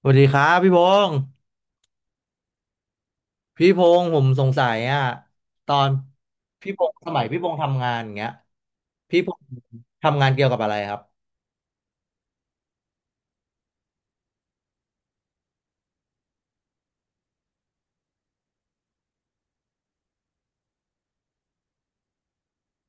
สวัสดีครับพี่พงษ์พี่พงษ์ผมสงสัยอ่ะตอนพี่พงษ์สมัยพี่พงษ์ทำงานอย่างเงี้ยพี่พงษ์ทำงานเกี่ยวกับอะไรครับ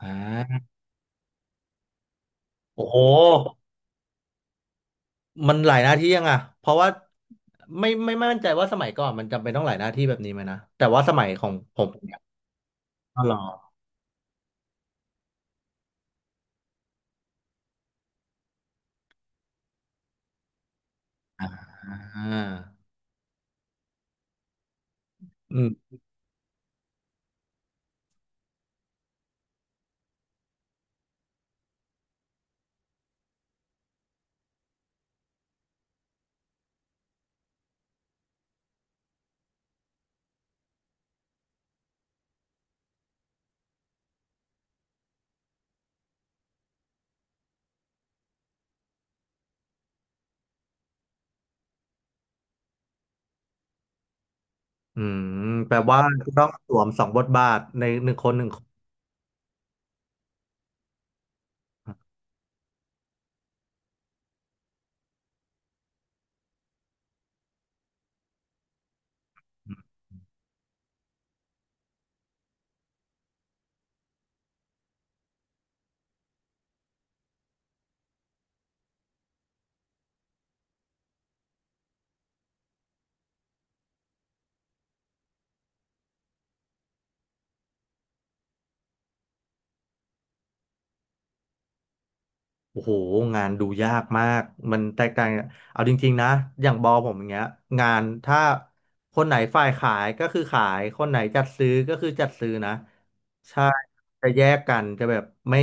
อ่าโอ้โหมันหลายหน้าที่ยังอ่ะเพราะว่าไม่มั่นใจว่าสมัยก่อนมันจำเป็นต้องหลายหน้าที่แบบนี้ไหมนะแต่ว่าสมัยของผมเนี่ยก็รออ่าอืมอืมแปลว่าต้องสวมสองบทบาทในหนึ่งคนหนึ่งคน โอ้โหงานดูยากมากมันแตกต่างเอาจริงๆนะอย่างบอผมอย่างเงี้ยงานถ้าคนไหนฝ่ายขายก็คือขายคนไหนจัดซื้อก็คือจัดซื้อนะใช่จะแยกกันจะแบบไม่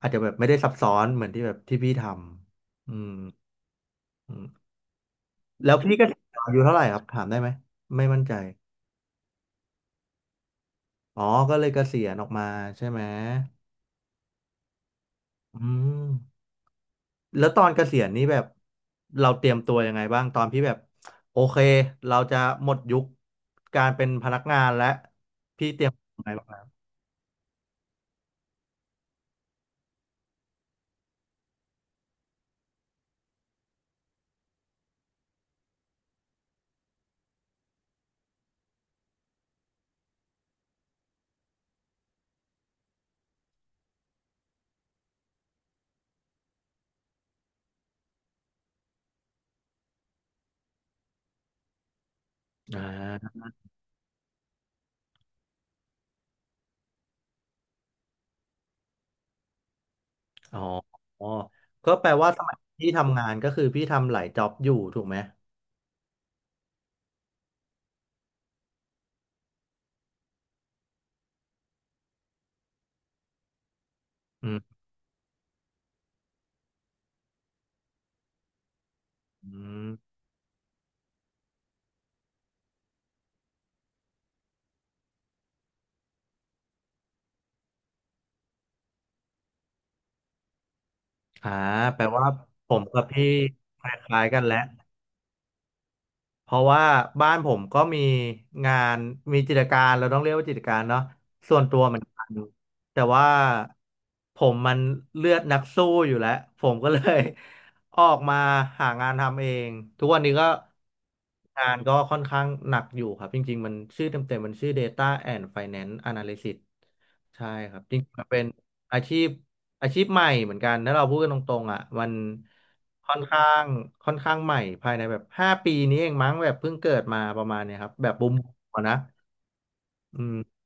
อาจจะแบบไม่ได้ซับซ้อนเหมือนที่แบบที่พี่ทำอืมอืมแล้วพี่ก็อายุเท่าไหร่ครับถามได้ไหมไม่มั่นใจอ๋อก็เลยเกษียณออกมาใช่ไหมอืม แล้วตอนเกษียณนี่แบบเราเตรียมตัวยังไงบ้างตอนพี่แบบโอเคเราจะหมดยุคการเป็นพนักงานและไงบ้างครับอ่าอ๋ออ๋อก็แปลว่าสมัยที่ทำงานก็คือพี่ทำหลายจ็อบอยู่ถูกไหมอืมอมอ่าแปลว่าผมกับพี่คล้ายๆกันแล้ว เพราะว่าบ้านผมก็มีงานมีกิจการเราต้องเรียกว่ากิจการเนาะส่วนตัวเหมือนกันแต่ว่าผมมันเลือดนักสู้อยู่แล้วผมก็เลย ออกมาหางานทำเองทุกวันนี้ก็งานก็ค่อนข้างหนักอยู่ครับจริงๆมันชื่อเต็มๆมันชื่อ Data and Finance Analysis ใช่ครับจริงๆมันเป็น อาชีพอาชีพใหม่เหมือนกันถ้าเราพูดกันตรงๆอ่ะมันค่อนข้างค่อนข้างใหม่ภายในแบบ5 ปีนี้เองมั้งแบบเพิ่งเกิดมาประมาณเนี้ยครับ แบบบูมๆอะนะอืม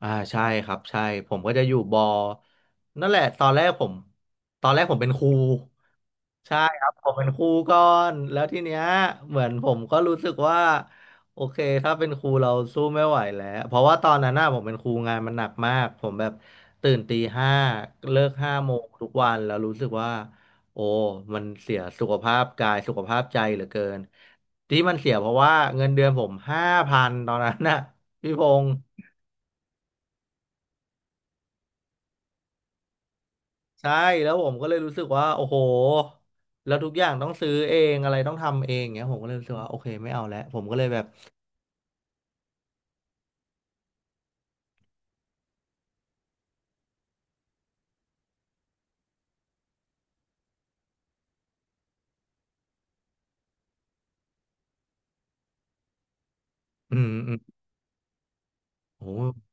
อ่าใช่ครับใช่ผมก็จะอยู่บอนั่นแหละตอนแรกผมเป็นครูใช่ครับผมเป็นครูก่อนแล้วทีเนี้ยเหมือนผมก็รู้สึกว่าโอเคถ้าเป็นครูเราสู้ไม่ไหวแล้วเพราะว่าตอนนั้นน่ะผมเป็นครูงานมันหนักมากผมแบบตื่นตี 5เลิก5 โมงทุกวันแล้วรู้สึกว่าโอ้มันเสียสุขภาพกายสุขภาพใจเหลือเกินที่มันเสียเพราะว่าเงินเดือนผม5,000ตอนนั้นน่ะพี่พงษ์ ใช่แล้วผมก็เลยรู้สึกว่าโอ้โหแล้วทุกอย่างต้องซื้อเองอะไรต้องทำเองเงี้ยผมก็เลยรู้สึกว่าโอเคไม่เอาแล้วผมก็เลยแบบอืมอืมโอ้โห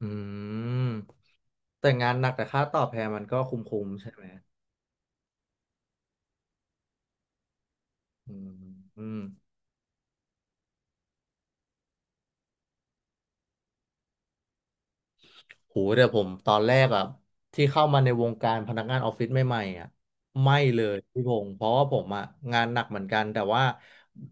อืมแต่งานหนักแต่ค่าตอบแทนมันก็คุ้มๆใช่ไหมอืมอืม โหแต่ผมตอนแรกอะที่เข้ามาในวงการพนักงานออฟฟิศใหม่ๆอะไม่เลยพี่พงศ์เพราะว่าผมอะงานหนักเหมือนกันแต่ว่า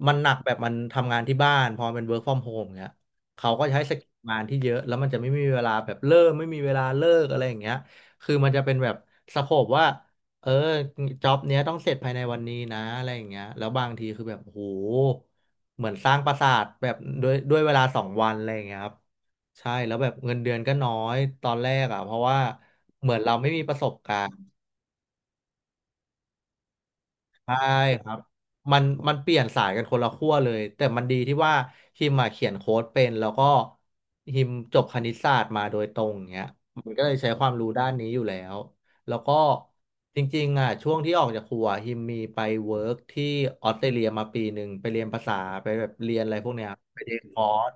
มันหนักแบบมันทำงานที่บ้านพอมันเป็น work from home เงี้ยเขาก็จะให้สกิลงานที่เยอะแล้วมันจะไม่มีเวลาแบบเลิกไม่มีเวลาเลิกอะไรอย่างเงี้ยคือมันจะเป็นแบบสโคปว่าเออจ็อบเนี้ยต้องเสร็จภายในวันนี้นะอะไรอย่างเงี้ยแล้วบางทีคือแบบโหเหมือนสร้างปราสาทแบบด้วยเวลา2 วันอะไรอย่างเงี้ยครับ ใช่แล้วแบบเงินเดือนก็น้อยตอนแรกอ่ะเพราะว่าเหมือนเราไม่มีประสบการณ์ใช่ครับมันเปลี่ยนสายกันคนละขั้วเลยแต่มันดีที่ว่าฮิมมาเขียนโค้ดเป็นแล้วก็ฮิมจบคณิตศาสตร์มาโดยตรงอย่างเงี้ยมันก็เลยใช้ความรู้ด้านนี้อยู่แล้วแล้วก็จริงๆอ่ะช่วงที่ออกจากครัวฮิมมีไปเวิร์กที่ออสเตรเลียมาปีหนึ่งไปเรียนภาษาไปแบบเรียนอะไรพวกเนี้ยไปเรียนคอร์ส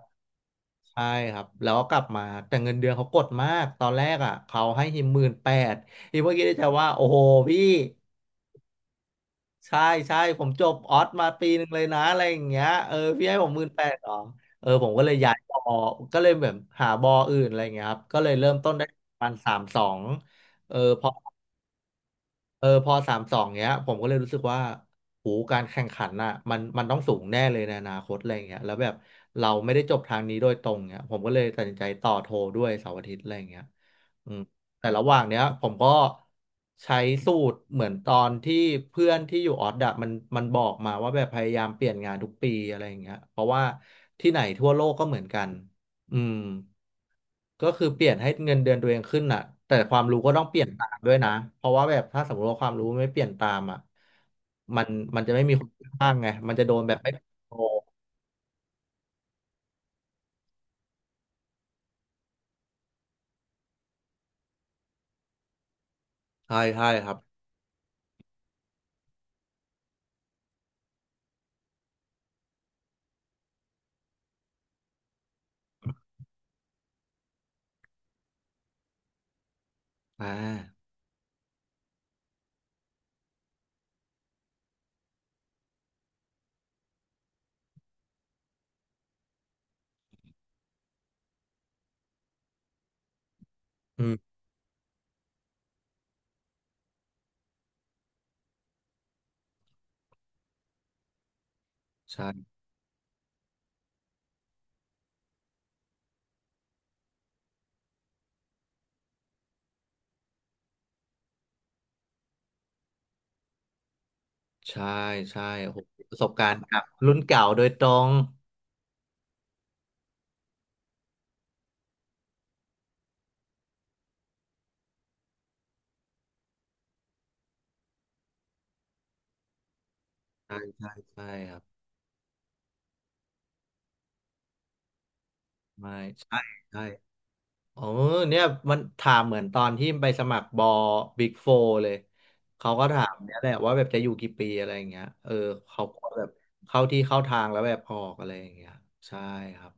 ใช่ครับแล้วก็กลับมาแต่เงินเดือนเขากดมากตอนแรกอ่ะเขาให้ฮิมหมื่นแปดฮิมเมื่อกี้ิดใใจว่าโอ้โหพี่ใช่ใช่ผมจบออสมาปีหนึ่งเลยนะอะไรอย่างเงี้ยเออพี่ให้ผมหมื่นแปดหรอเออผมก็เลยย้ายบอก็เลยแบบหาบออื่นอะไรอย่างเงี้ยครับก็เลยเริ่มต้นได้ประมาณสามสองเออพอ เออพอสามสองเนี้ยผมก็เลยรู้สึกว่าโหการแข่งขันน่ะมันต้องสูงแน่เลยในอนาคตอะไรเงี้ยแล้วแบบเราไม่ได้จบทางนี้โดยตรงเนี้ยผมก็เลยตัดสินใจต่อโทด้วยเสาร์อาทิตย์อะไรเงี้ยอืมแต่ระหว่างเนี้ยผมก็ใช้สูตรเหมือนตอนที่เพื่อนที่อยู่ออสอะมันบอกมาว่าแบบพยายามเปลี่ยนงานทุกปีอะไรเงี้ยเพราะว่าที่ไหนทั่วโลกก็เหมือนกัน อืมก็คือเปลี่ยนให้เงินเดือนตัวเองขึ้นน่ะแต่ความรู้ก็ต้องเปลี่ยนตามด้วยนะเพราะว่าแบบถ้าสมมติว่าความรู้ไม่เปลี่ยนตามอ่ะมันมันจะไม่มีคนข้างไงมันจะโดนแบบไม่โตใช่ใช่ครับอ่าอืมใช่ใช่ใช่โอ้โหประสบการณ์กับรุ่นเก่าโดยตรงใช่ใช่ใช่ครับไม่ใช่ใช่ โอ้เนี่ยมันถามเหมือนตอนที่ไปสมัครบอบิ๊กโฟเลย เขาก็ถามเนี่ยแหละว่าแบบจะอยู่กี่ปีอะไรอย่างเงี้ยเออเขาก็แบบเข้าที่เข้าทางแล้วแบบออกอะไรอย่างเงี้ยใช่ครับ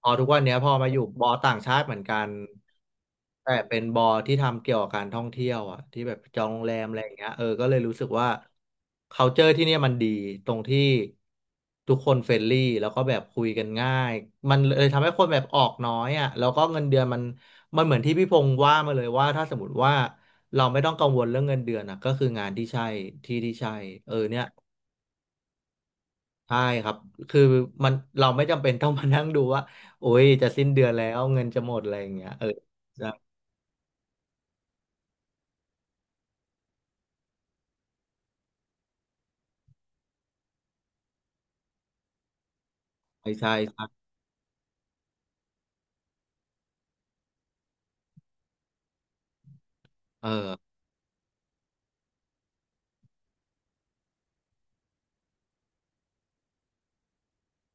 พอทุกวันเนี้ยพอมาอยู่บอต่างชาติเหมือนกันแต่เป็นบอที่ทำเกี่ยวกับการท่องเที่ยวอ่ะที่แบบจองโรงแรมอะไรอย่างเงี้ยเออก็เลยรู้สึกว่า culture ที่เนี่ยมันดีตรงที่ทุกคนเฟรนลี่แล้วก็แบบคุยกันง่ายมันเลยทำให้คนแบบออกน้อยอ่ะแล้วก็เงินเดือนมันเหมือนที่พี่พงษ์ว่ามาเลยว่าถ้าสมมติว่าเราไม่ต้องกังวลเรื่องเงินเดือนอ่ะก็คืองานที่ใช่ที่ที่ใช่เออเนี่ย ใช่ครับ คือมันเราไม่จำเป็น ต้องมานั่งดูว่าโอ้ยจะสิ้นเดือนแล้วเงินจะหมดอะไรอย่างเงี้ยเออใช่ใช่ใช่เออ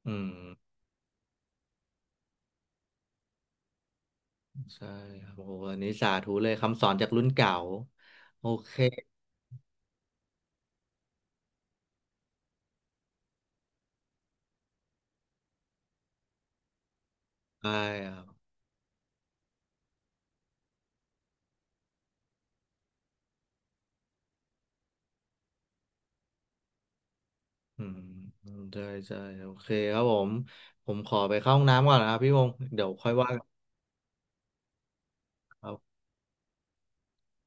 อืมใช่ครับโอ้โหอันนี้สาธุเลยคำสอนจากรุ่นเก่าโอเคใช่ครับอืมใช่ใช่โอเคครับผมผมขอไปเข้าห้องน้ำก่อนนะครับพี่วงศ์เดี๋ยวค่อยว่ากัน